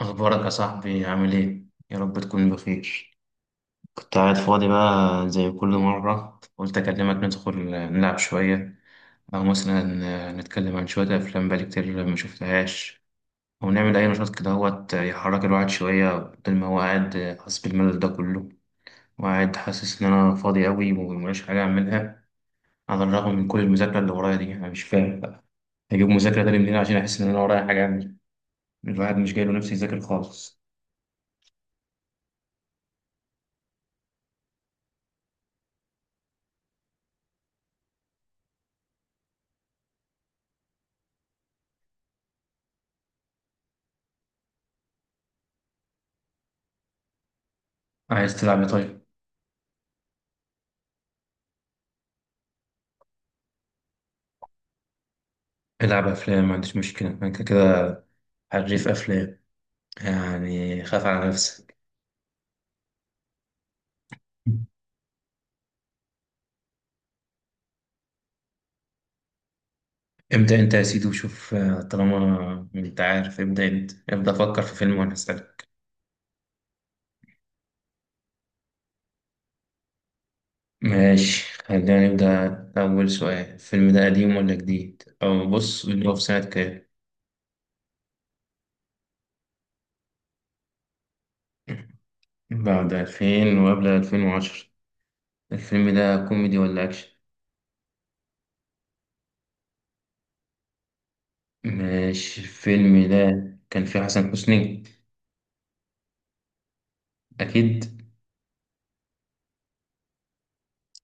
أخبارك يا صاحبي؟ عامل إيه؟ يا رب تكون بخير. كنت قاعد فاضي بقى زي كل مرة، قلت أكلمك ندخل نلعب شوية، أو مثلا نتكلم عن شوية أفلام بقالي كتير ما شفتهاش، أو نعمل أي نشاط كده هوت يحرك الواحد شوية، بدل ما هو قاعد حاسس بالملل ده كله، وقاعد حاسس إن أنا فاضي أوي ومليش حاجة أعملها. على الرغم من كل المذاكرة اللي ورايا دي، أنا مش فاهم بقى أجيب مذاكرة تاني منين عشان أحس إن أنا ورايا حاجة أعمل. الواحد مش جاي له نفسي يذاكر خالص. عايز تلعب إيه طيب؟ العب افلام، ما عنديش مشكله، انا كده كده حريف افلام، يعني خاف على نفسك. ابدا انت يا سيدي وشوف. طالما انت عارف ابدا انت. ابدا فكر في فيلم وانا هسالك. ماشي، خلينا نبدا. اول سؤال: الفيلم ده قديم ولا جديد؟ او بص، اللي هو في سنه كام؟ بعد 2000 وقبل 2010. الفيلم ده كوميدي ولا اكشن؟ ماشي. الفيلم ده كان فيه حسن حسني؟ اكيد.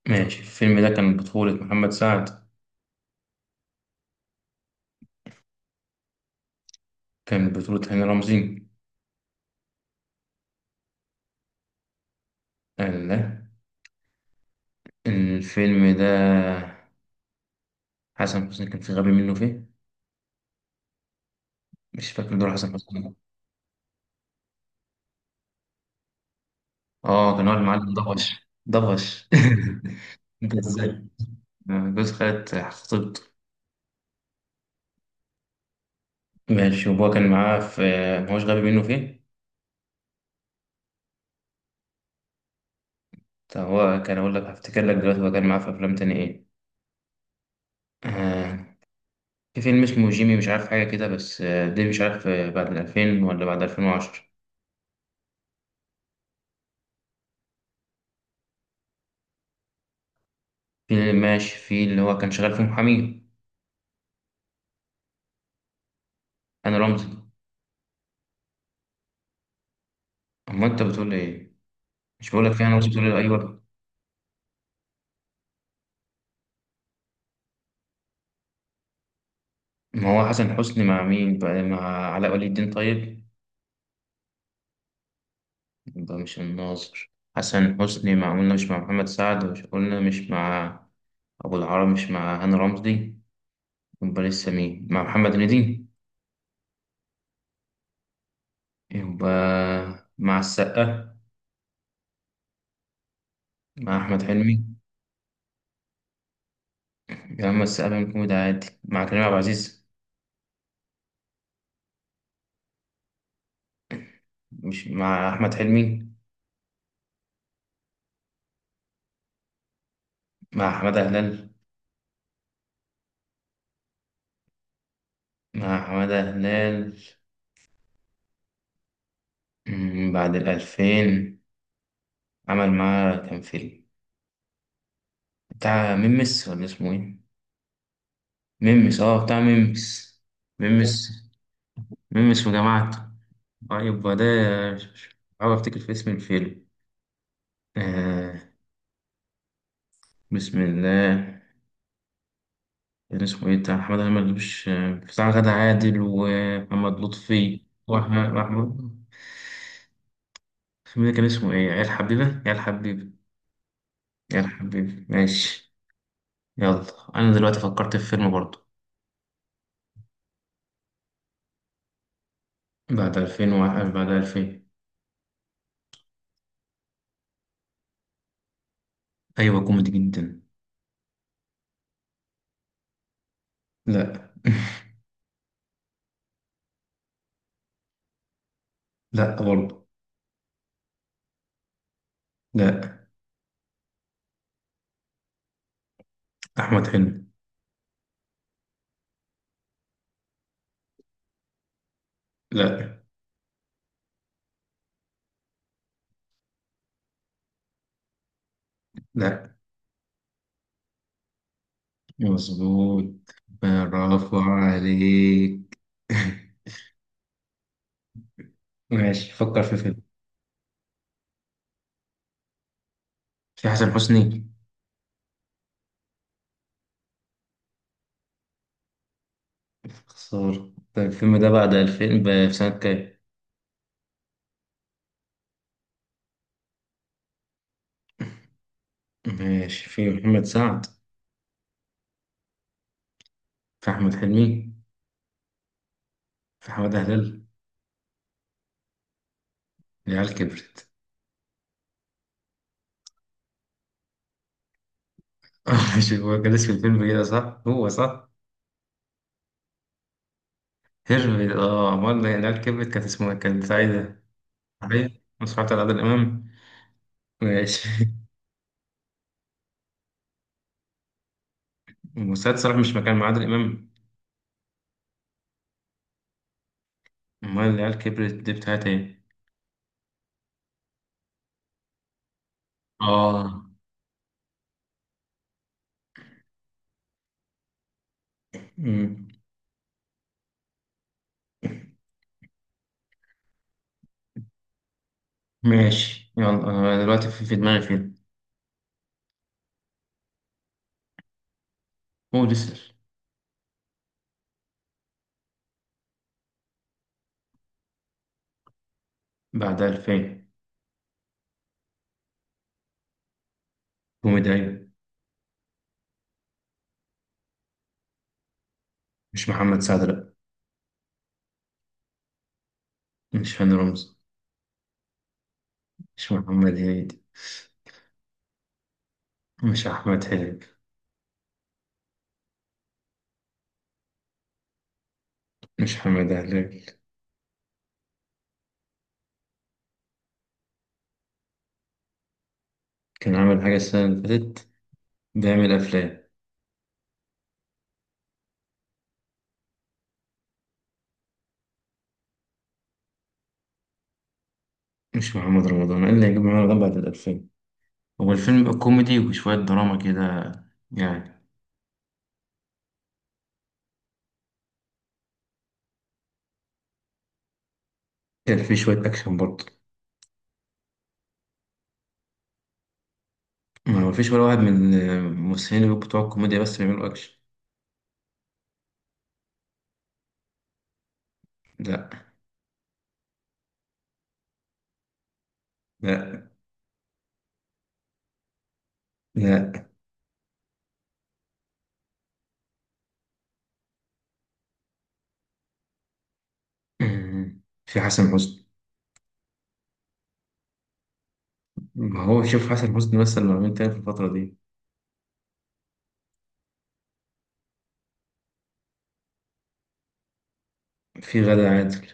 ماشي. الفيلم ده كان بطولة محمد سعد؟ كان بطولة هاني رمزي؟ الله. الفيلم ده حسن حسني كان في غبي منه فيه. مش فاكر دور حسن حسني. اه كان هو المعلم ضبش ضبش. انت ازاي؟ جوز خالة خطيبته. ماشي، وهو كان معاه في. ما هوش غبي منه فيه. طب هو كان، اقول لك هفتكر لك دلوقتي، هو كان معاه في افلام تاني ايه؟ آه، في فيلم اسمه جيمي، مش عارف حاجة كده بس، ده مش عارف، بعد الألفين ولا بعد ألفين وعشرة؟ في اللي ماشي، في اللي هو كان شغال في محامي. أنا رمزي. أما أنت بتقول لي إيه؟ مش بقول لك يعني وصلت له اي برضه. ما هو حسن حسني مع مين بقى؟ مع علاء ولي الدين طيب؟ يبقى مش الناظر. حسن حسني مع، قلنا مش مع محمد سعد، مش قلنا مش مع ابو العرب، مش مع هاني رمزي، يبقى لسه مين؟ مع محمد هنيدي؟ يبقى مع السقا؟ مع احمد حلمي؟ يا عم السقا بيعمل كوميدي عادي، مع كريم عبد العزيز، مش مع احمد حلمي؟ مع حماده هلال. مع حماده هلال. بعد الألفين. عمل معاه كام فيلم؟ بتاع ميمس ولا اسمه ايه؟ ميمس، اه بتاع ميمس. ميمس. ميمس وجماعته. طيب وده، بحاول افتكر في اسم الفيلم. آه. بسم الله. كان اسمه ايه بتاع محمد هلال؟ مش بتاع غادة عادل ومحمد لطفي واحمد؟ الفيلم ده كان اسمه ايه؟ عيال حبيبة. عيال حبيبة، ماشي. يلا انا دلوقتي فكرت في فيلم برضه. بعد 2000 وواحد، بعد 2000. ايوه كوميدي جدا. لا. لا برضه. لا. أحمد حلمي. لا. لا. مظبوط، برافو عليك. ماشي، فكر في فيلم. في حسن حسني؟ خسارة. طيب الفيلم ده بعد 2000 ب- في سنة كام؟ ماشي. في محمد سعد؟ في أحمد حلمي؟ في حمادة هلال؟ العيال كبرت. ماشي، هو كان اسم الفيلم كده صح؟ هو صح؟ هرب، اه أمال العيال كبرت؟ كانت اسمها كانت سعيدة، عارف؟ مسرحية على عادل إمام، ماشي. وسيد صلاح مش مكان مع عادل إمام؟ أمال العيال كبرت دي بتاعت إيه؟ آه. مم. ماشي، يلا، أنا دلوقتي في دماغي فيلم. هو ديسل. بعد 2000. كوميدي أيوة. مش محمد سعد لأ. مش هاني رمزي. مش محمد هنيدي. مش أحمد حلمي. مش حماد هلال. كان عامل حاجة السنة اللي فاتت. بيعمل أفلام. مش محمد رمضان، إيه اللي هيجيب محمد رمضان بعد الألفين؟ هو الفيلم يبقى كوميدي وشوية دراما كده يعني. كان فيه شوية أكشن برضه. ما فيش ولا واحد من الممثلين اللي بتوع الكوميديا بس بيعملوا اكشن. لا. لا. لا. في حسن حسني؟ ما هو شوف حسن حسني مثلا لو عملت تاني في الفترة دي. في غادة عادل.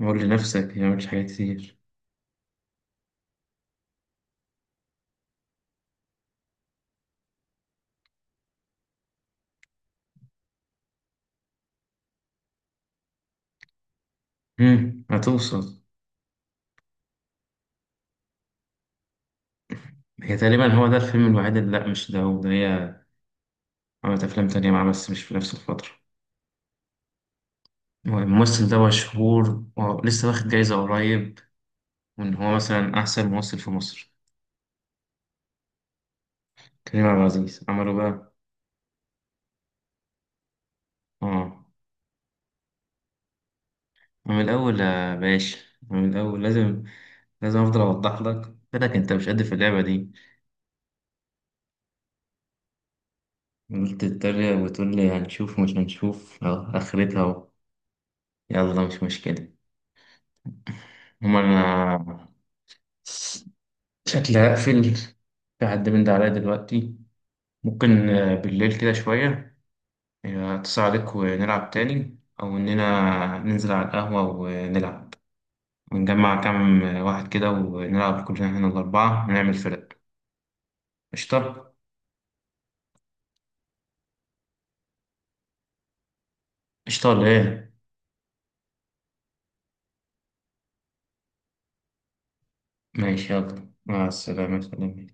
قول لنفسك ما عملتش حاجات كتير. مم. هتوصل. هي تقريبا هو ده الفيلم الوحيد اللي، لا مش ده، هو ده. هي عملت أفلام تانية معاه بس مش في نفس الفترة. هو الممثل ده مشهور ولسه واخد جايزة قريب، وإن هو مثلا أحسن ممثل في مصر. كريم عبد العزيز عمله بقى. آه. من الأول يا باشا، من الأول، لازم لازم أفضل أوضح لك. قلت لك أنت مش قد في اللعبة دي. قلت تتريق وتقول لي هنشوف، مش هنشوف أهو، آخرتها أهو. يلا مش مشكلة. أنا شكلي هقفل. في حد من ده عليا دلوقتي. ممكن بالليل كده شوية أتصل عليك ونلعب تاني، أو إننا ننزل على القهوة ونلعب، ونجمع كام واحد كده ونلعب كلنا هنا الأربعة ونعمل فرق. قشطة. قشطة ولا إيه؟ ماشي يلا مع السلامة، خلينا.